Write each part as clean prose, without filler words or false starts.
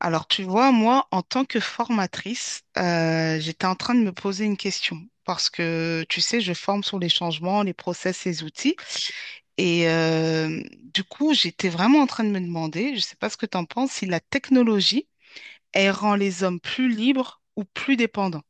Alors, tu vois, moi, en tant que formatrice, j'étais en train de me poser une question parce que, tu sais, je forme sur les changements, les process, les outils. Et du coup, j'étais vraiment en train de me demander, je ne sais pas ce que tu en penses, si la technologie, elle rend les hommes plus libres ou plus dépendants.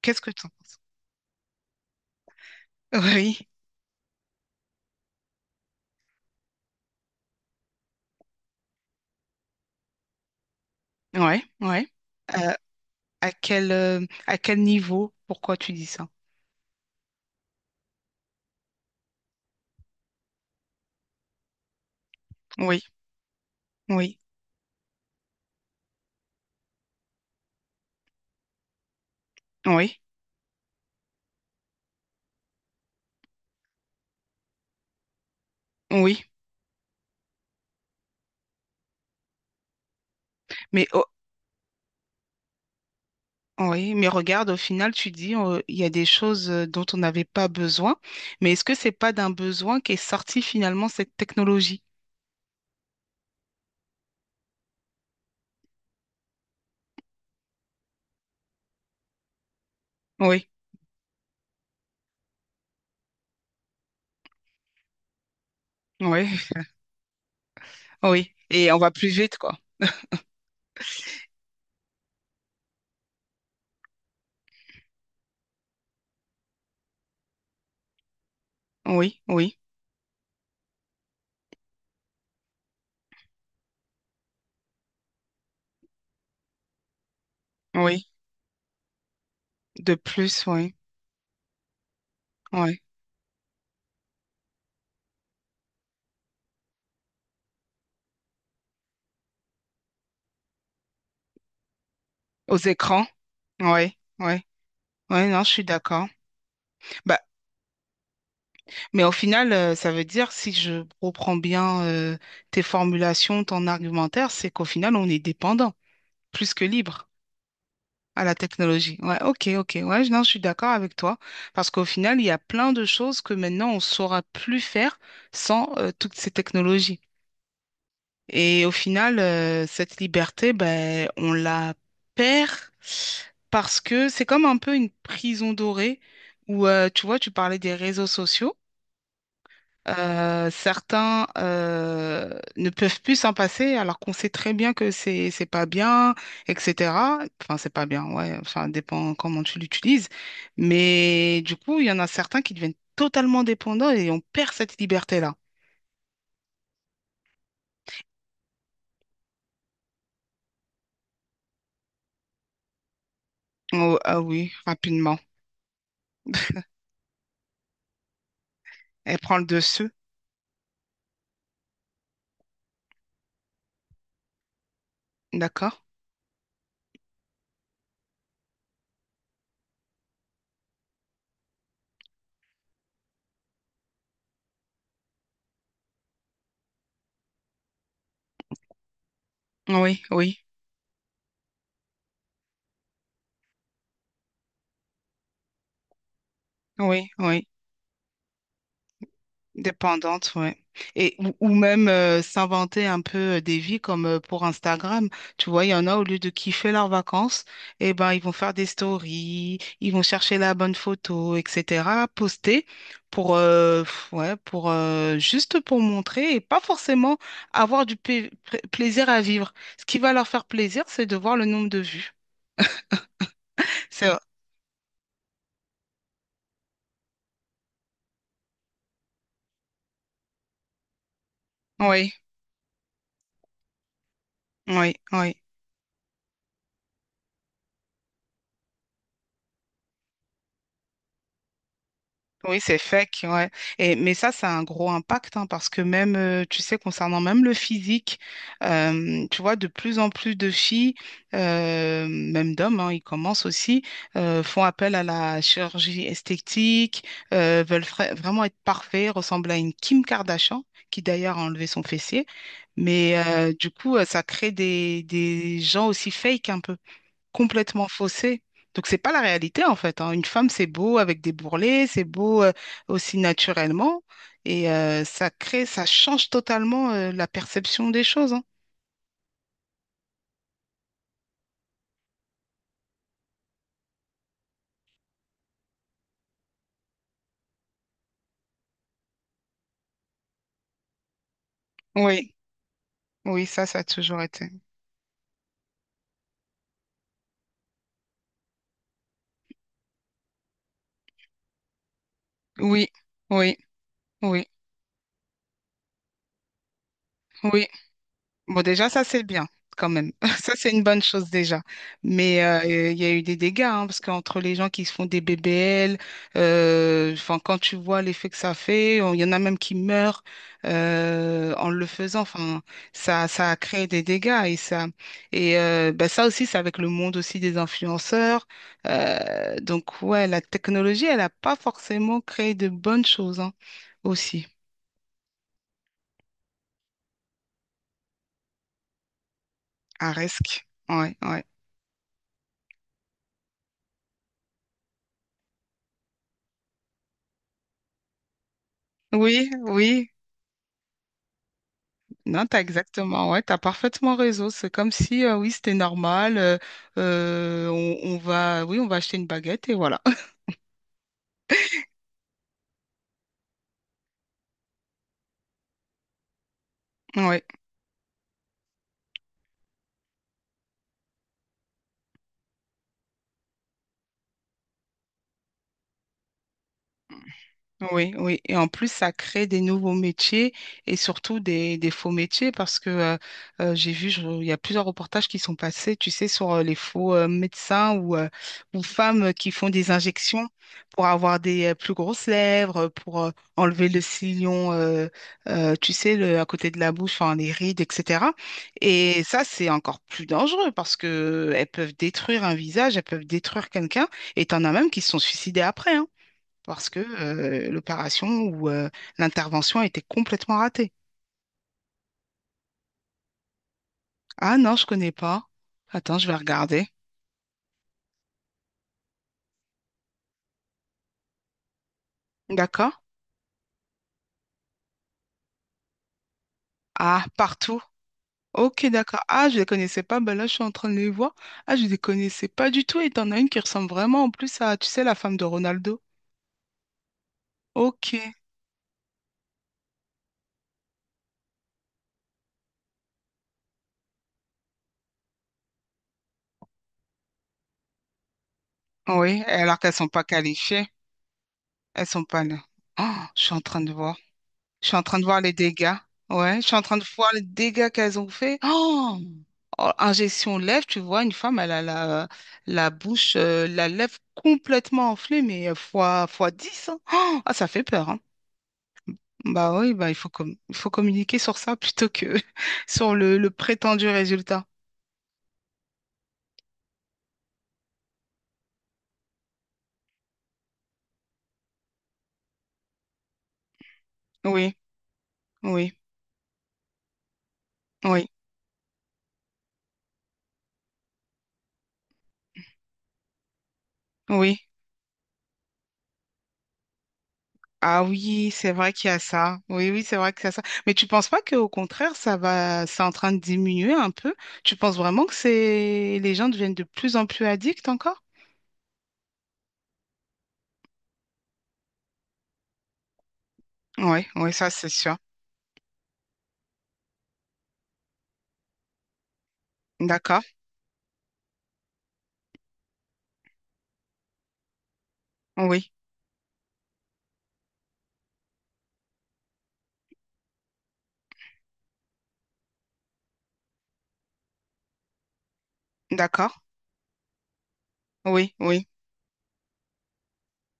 Qu'est-ce que tu en penses? Oui, ouais, ouais. Euh, à quel niveau? Pourquoi tu dis ça? Oui, oui, oui, oui. Mais Oui, mais regarde, au final, tu dis, il y a des choses dont on n'avait pas besoin, mais est-ce que c'est pas d'un besoin qu'est sortie finalement cette technologie? Oui, oui, oui. Et on va plus vite, quoi. Oui, oui, oui. De plus, oui, oui. Aux écrans, oui, oui. Oui, non, je suis d'accord. Bah, mais au final, ça veut dire, si je reprends bien tes formulations, ton argumentaire, c'est qu'au final, on est dépendant, plus que libre. À la technologie. Ouais, ok, ok. Ouais, non, je suis d'accord avec toi. Parce qu'au final, il y a plein de choses que maintenant, on ne saura plus faire sans toutes ces technologies. Et au final, cette liberté, ben, on la perd parce que c'est comme un peu une prison dorée où, tu vois, tu parlais des réseaux sociaux. Certains ne peuvent plus s'en passer alors qu'on sait très bien que c'est pas bien, etc. Enfin, c'est pas bien, ouais, enfin, dépend comment tu l'utilises. Mais du coup, il y en a certains qui deviennent totalement dépendants et on perd cette liberté-là. Oh, ah oui, rapidement. Elle prend le dessus, d'accord? Oui, oui, oui, oui. Dépendante, ouais. Et, ou même s'inventer un peu des vies comme pour Instagram. Tu vois, il y en a, au lieu de kiffer leurs vacances, eh ben, ils vont faire des stories, ils vont chercher la bonne photo, etc., poster pour, ouais, juste pour montrer et pas forcément avoir du plaisir à vivre. Ce qui va leur faire plaisir, c'est de voir le nombre de vues. C'est, oui, oui, oui. Oui, c'est fake, ouais. Mais ça a un gros impact, hein, parce que même, tu sais, concernant même le physique, tu vois, de plus en plus de filles, même d'hommes, hein, ils commencent aussi, font appel à la chirurgie esthétique, veulent vraiment être parfaits, ressemblent à une Kim Kardashian, qui d'ailleurs a enlevé son fessier. Mais du coup, ça crée des gens aussi fake un peu complètement faussée. Donc, c'est pas la réalité, en fait, hein. Une femme, c'est beau avec des bourrelets, c'est beau aussi naturellement. Et ça crée, ça change totalement la perception des choses, hein. Oui, oui, ça a toujours été. Oui, oui, oui, oui. Bon, déjà, ça, c'est bien, quand même. Ça, c'est une bonne chose déjà. Mais il y a eu des dégâts, hein, parce qu'entre les gens qui se font des BBL, enfin, quand tu vois l'effet que ça fait, il y en a même qui meurent en le faisant. Enfin, ça a créé des dégâts. Et ça, et Ben, ça aussi, c'est avec le monde aussi des influenceurs. Donc, ouais, la technologie, elle n'a pas forcément créé de bonnes choses hein, aussi, à risque. Ouais, ouais. Oui, oui. Non, t'as exactement, ouais, t'as parfaitement raison. C'est comme si, oui, c'était normal. Oui, on va acheter une baguette et voilà. Ouais. Oui, oui. Et en plus, ça crée des nouveaux métiers et surtout des faux métiers parce que j'ai vu, il y a plusieurs reportages qui sont passés, tu sais, sur les faux médecins ou femmes qui font des injections pour avoir des plus grosses lèvres, pour enlever le sillon, tu sais, à côté de la bouche, enfin, les rides, etc. Et ça, c'est encore plus dangereux parce que elles peuvent détruire un visage, elles peuvent détruire quelqu'un et t'en as même qui se sont suicidés après, hein, parce que l'opération ou l'intervention a été complètement ratée. Ah non, je connais pas. Attends, je vais regarder. D'accord. Ah, partout. Ok, d'accord. Ah, je les connaissais pas. Ben là, je suis en train de les voir. Ah, je les connaissais pas du tout. Et t'en as une qui ressemble vraiment en plus à, tu sais, la femme de Ronaldo. Ok. Oui, alors qu'elles sont pas qualifiées. Elles sont pas là. Ah, je suis en train de voir. Je suis en train de voir les dégâts. Ouais, je suis en train de voir les dégâts qu'elles ont fait. Oh! En gestion lèvres, tu vois, une femme, elle a la bouche, la lèvre complètement enflée, mais fois dix, hein. Oh, ah, ça fait peur, hein. Bah oui, bah, il faut communiquer sur ça plutôt que sur le prétendu résultat. Oui, oui, oui, oui. Ah oui, c'est vrai qu'il y a ça. Oui, oui, c'est vrai qu'il y a ça. Mais tu penses pas qu'au contraire, c'est en train de diminuer un peu? Tu penses vraiment que c'est les gens deviennent de plus en plus addicts encore? Oui, oui, ça c'est sûr. D'accord. Oui. D'accord. Oui, oui.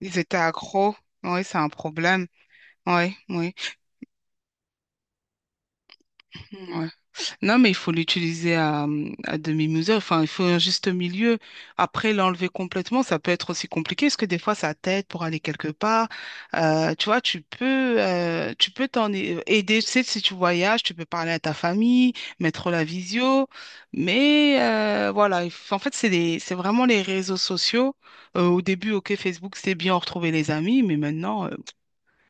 Ils étaient accros. Oui, c'est un problème. Oui, oui. Ouais. Non, mais il faut l'utiliser à, demi-mesure. Enfin, il faut un juste milieu. Après, l'enlever complètement, ça peut être aussi compliqué parce que des fois, ça t'aide pour aller quelque part. Tu vois, tu peux t'en aider. Tu sais, si tu voyages, tu peux parler à ta famille, mettre la visio. Mais voilà, en fait, c'est vraiment les réseaux sociaux. Au début, OK, Facebook, c'est bien retrouver les amis, mais maintenant,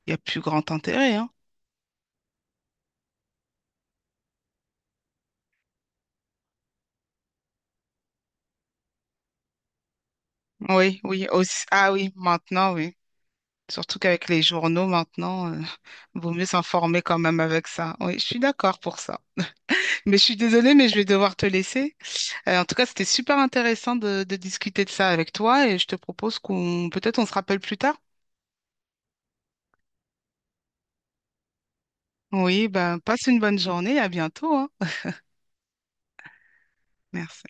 il n'y a plus grand intérêt, hein. Oui, oui, aussi. Ah oui, maintenant, oui. Surtout qu'avec les journaux, maintenant, vaut mieux s'informer quand même avec ça. Oui, je suis d'accord pour ça. Mais je suis désolée, mais je vais devoir te laisser. En tout cas, c'était super intéressant de discuter de ça avec toi et je te propose qu'on, peut-être on se rappelle plus tard. Oui, ben, passe une bonne journée, à bientôt, hein. Merci.